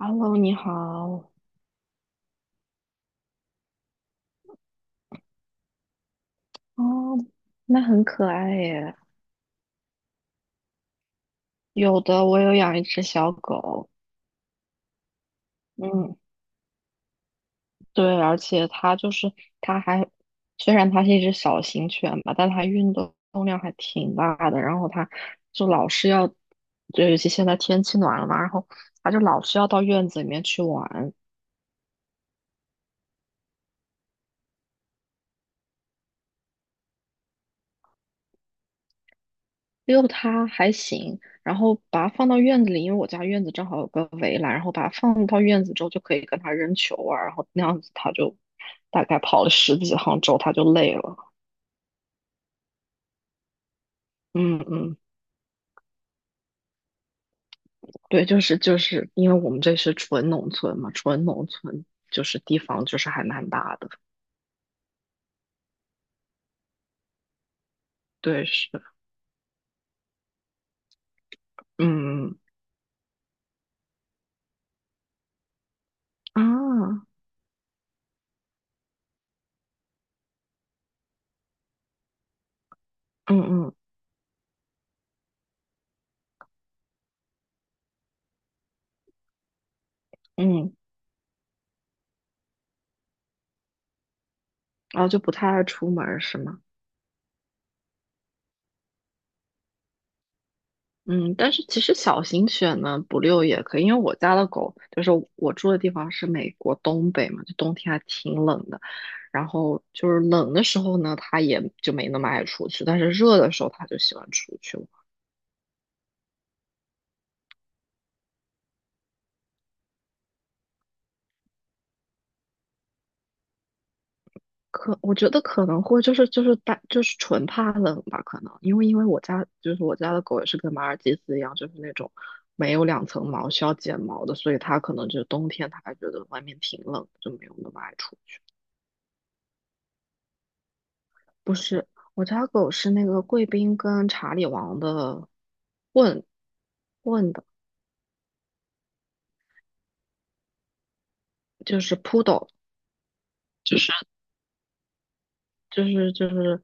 Hello，你好。哦，那很可爱耶。有的，我有养一只小狗。嗯，对，而且它就是它还，虽然它是一只小型犬吧，但它运动量还挺大的。然后它就老是要，就尤其现在天气暖了嘛，然后它就老是要到院子里面去玩。遛它还行，然后把它放到院子里，因为我家院子正好有个围栏，然后把它放到院子之后就可以跟它扔球啊，然后那样子它就大概跑了十几趟之后它就累了。嗯嗯，对，就是因为我们这是纯农村就是地方就是还蛮大的。对是，嗯，啊，嗯嗯嗯，然后就不太爱出门儿是吗？嗯，但是其实小型犬呢，不遛也可以，因为我住的地方是美国东北嘛，就冬天还挺冷的，然后就是冷的时候呢，它也就没那么爱出去，但是热的时候它就喜欢出去玩。可我觉得可能会就是就是大就是纯怕冷吧，可能因为我家的狗也是跟马尔济斯一样，就是那种没有2层毛需要剪毛的，所以它可能就冬天它还觉得外面挺冷，就没有那么爱出去。不是，我家狗是那个贵宾跟查理王的混混的，就是扑 o 就是就是就是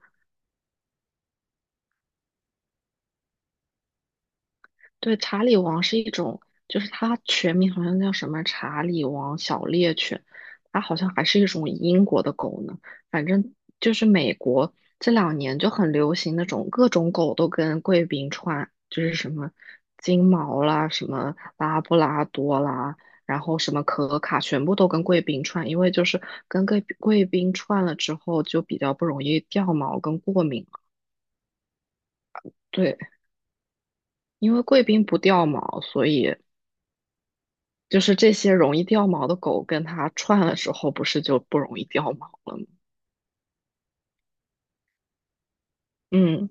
对，查理王是一种，就是它全名好像叫什么查理王小猎犬，它好像还是一种英国的狗呢。反正就是美国这2年就很流行那种各种狗都跟贵宾串，就是什么金毛啦，什么拉布拉多啦，然后什么可卡，全部都跟贵宾串，因为就是跟贵宾串了之后就比较不容易掉毛跟过敏。对，因为贵宾不掉毛，所以。就是这些容易掉毛的狗跟它串的时候，不是就不容易掉毛了吗？嗯，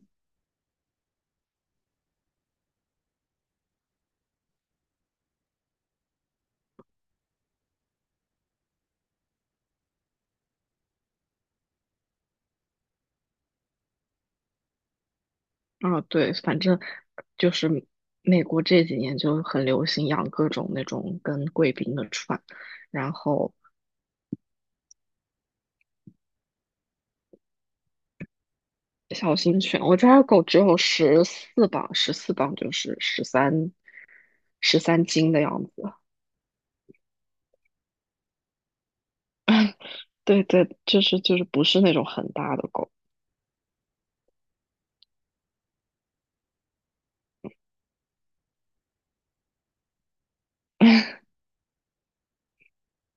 啊，对，反正就是美国这几年就很流行养各种那种跟贵宾的串，然后小型犬，我家的狗只有十四磅，十四磅就是十三斤的样子。对对，就是不是那种很大的狗。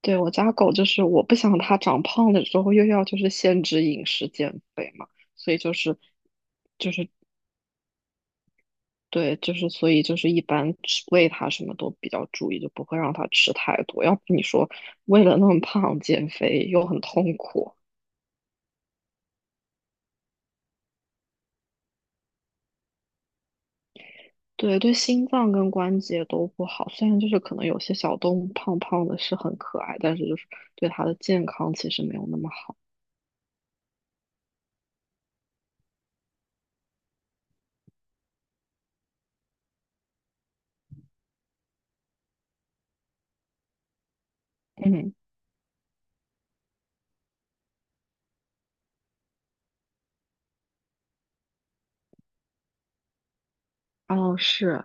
对，我家狗就是我不想它长胖了之后又要就是限制饮食减肥嘛，所以就是。对，就是所以就是一般吃喂它什么都比较注意，就不会让它吃太多。要不你说为了那么胖减肥又很痛苦，对对，心脏跟关节都不好。虽然就是可能有些小动物胖胖的是很可爱，但是就是对它的健康其实没有那么好。嗯，哦是，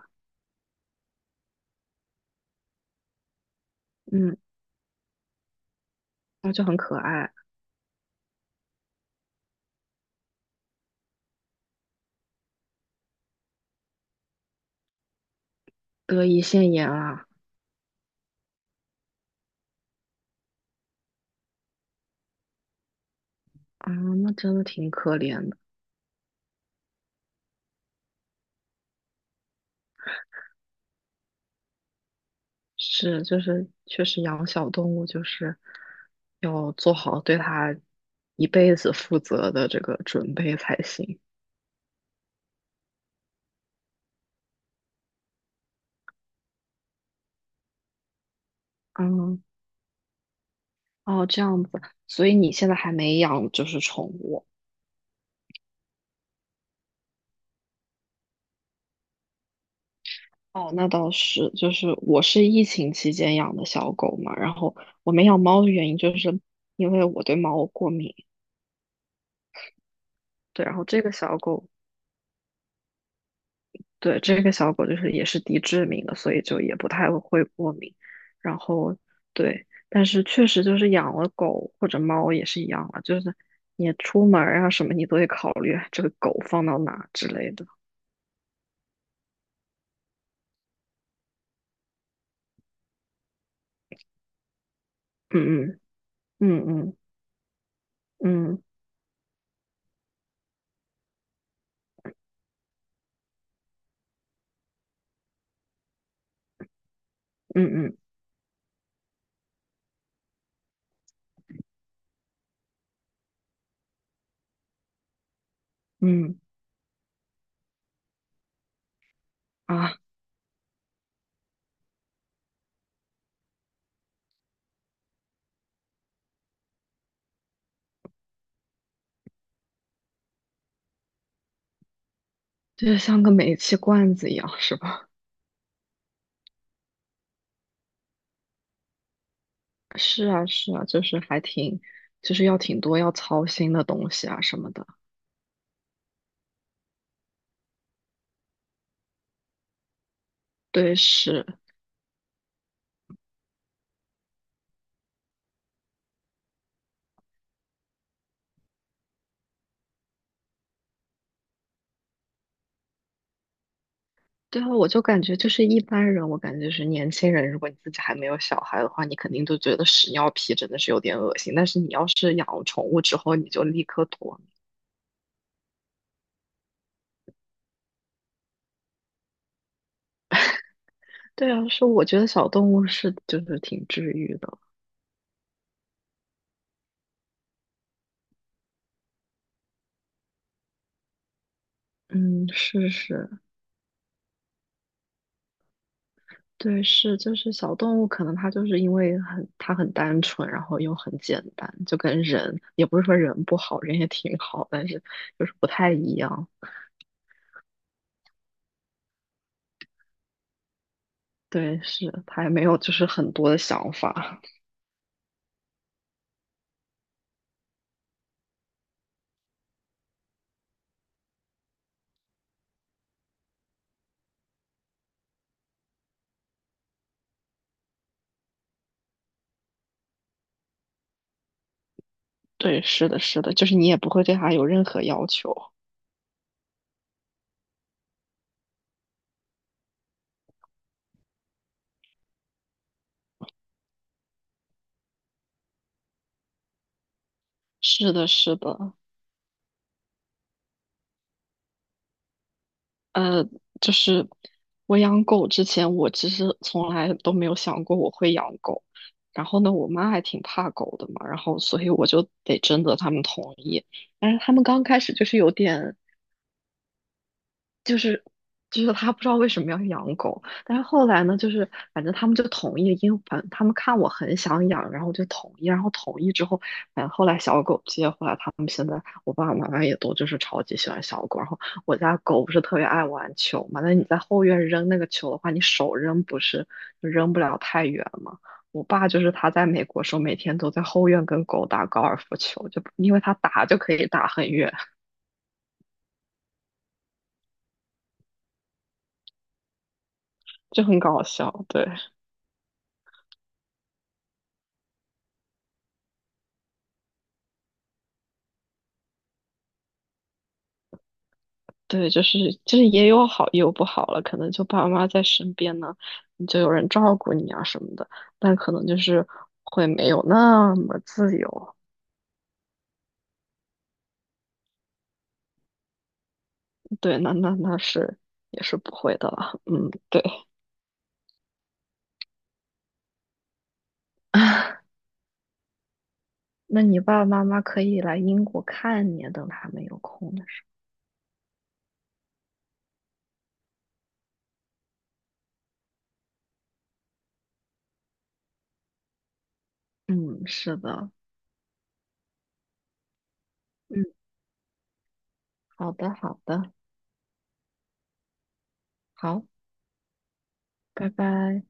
嗯，那就很可爱，得胰腺炎啊，啊，那真的挺可怜的。是，就是确实养小动物就是要做好对它一辈子负责的这个准备才行。嗯，哦，这样子，所以你现在还没养就是宠物。哦，那倒是，就是我是疫情期间养的小狗嘛，然后我没养猫的原因就是因为我对猫过敏，对，然后这个小狗对，这个小狗就是也是低致敏的，所以就也不太会过敏。然后对，但是确实就是养了狗或者猫也是一样啊，就是你出门儿啊什么，你都得考虑啊这个狗放到哪之类的。嗯嗯嗯嗯嗯嗯嗯嗯啊，就是像个煤气罐子一样，是吧？是啊是啊，就是还挺，就是要挺多要操心的东西啊什么的。对，是。对啊，我就感觉就是一般人，我感觉就是年轻人，如果你自己还没有小孩的话，你肯定都觉得屎尿屁真的是有点恶心。但是你要是养了宠物之后，你就立刻脱敏。对啊，是我觉得小动物是就是挺治愈的。嗯，是是，对是，就是小动物可能它就是因为它很单纯，然后又很简单，就跟人也不是说人不好，人也挺好，但是就是不太一样。对，是，它也没有就是很多的想法。对，是的，是的，就是你也不会对它有任何要求。是的，是的，呃，就是我养狗之前，我其实从来都没有想过我会养狗。然后呢，我妈还挺怕狗的嘛，然后所以我就得征得他们同意。但是他们刚开始就是有点就是就是他不知道为什么要养狗，但是后来呢，就是反正他们就同意，因为反正他们看我很想养，然后就同意，然后同意之后，反正后来小狗接回来，他们现在我爸爸妈妈也都就是超级喜欢小狗，然后我家狗不是特别爱玩球嘛，那你在后院扔那个球的话，你手扔不是就扔不了太远嘛。我爸就是他在美国时候，每天都在后院跟狗打高尔夫球，就因为他打就可以打很远，就很搞笑，对。对，就是也有好也有不好了，可能就爸妈在身边呢，你就有人照顾你啊什么的，但可能就是会没有那么自由。对，那是也是不会的了。嗯，对。那你爸爸妈妈可以来英国看你，等他们有空的时候。嗯，是的。嗯，好的，好的，好，拜拜。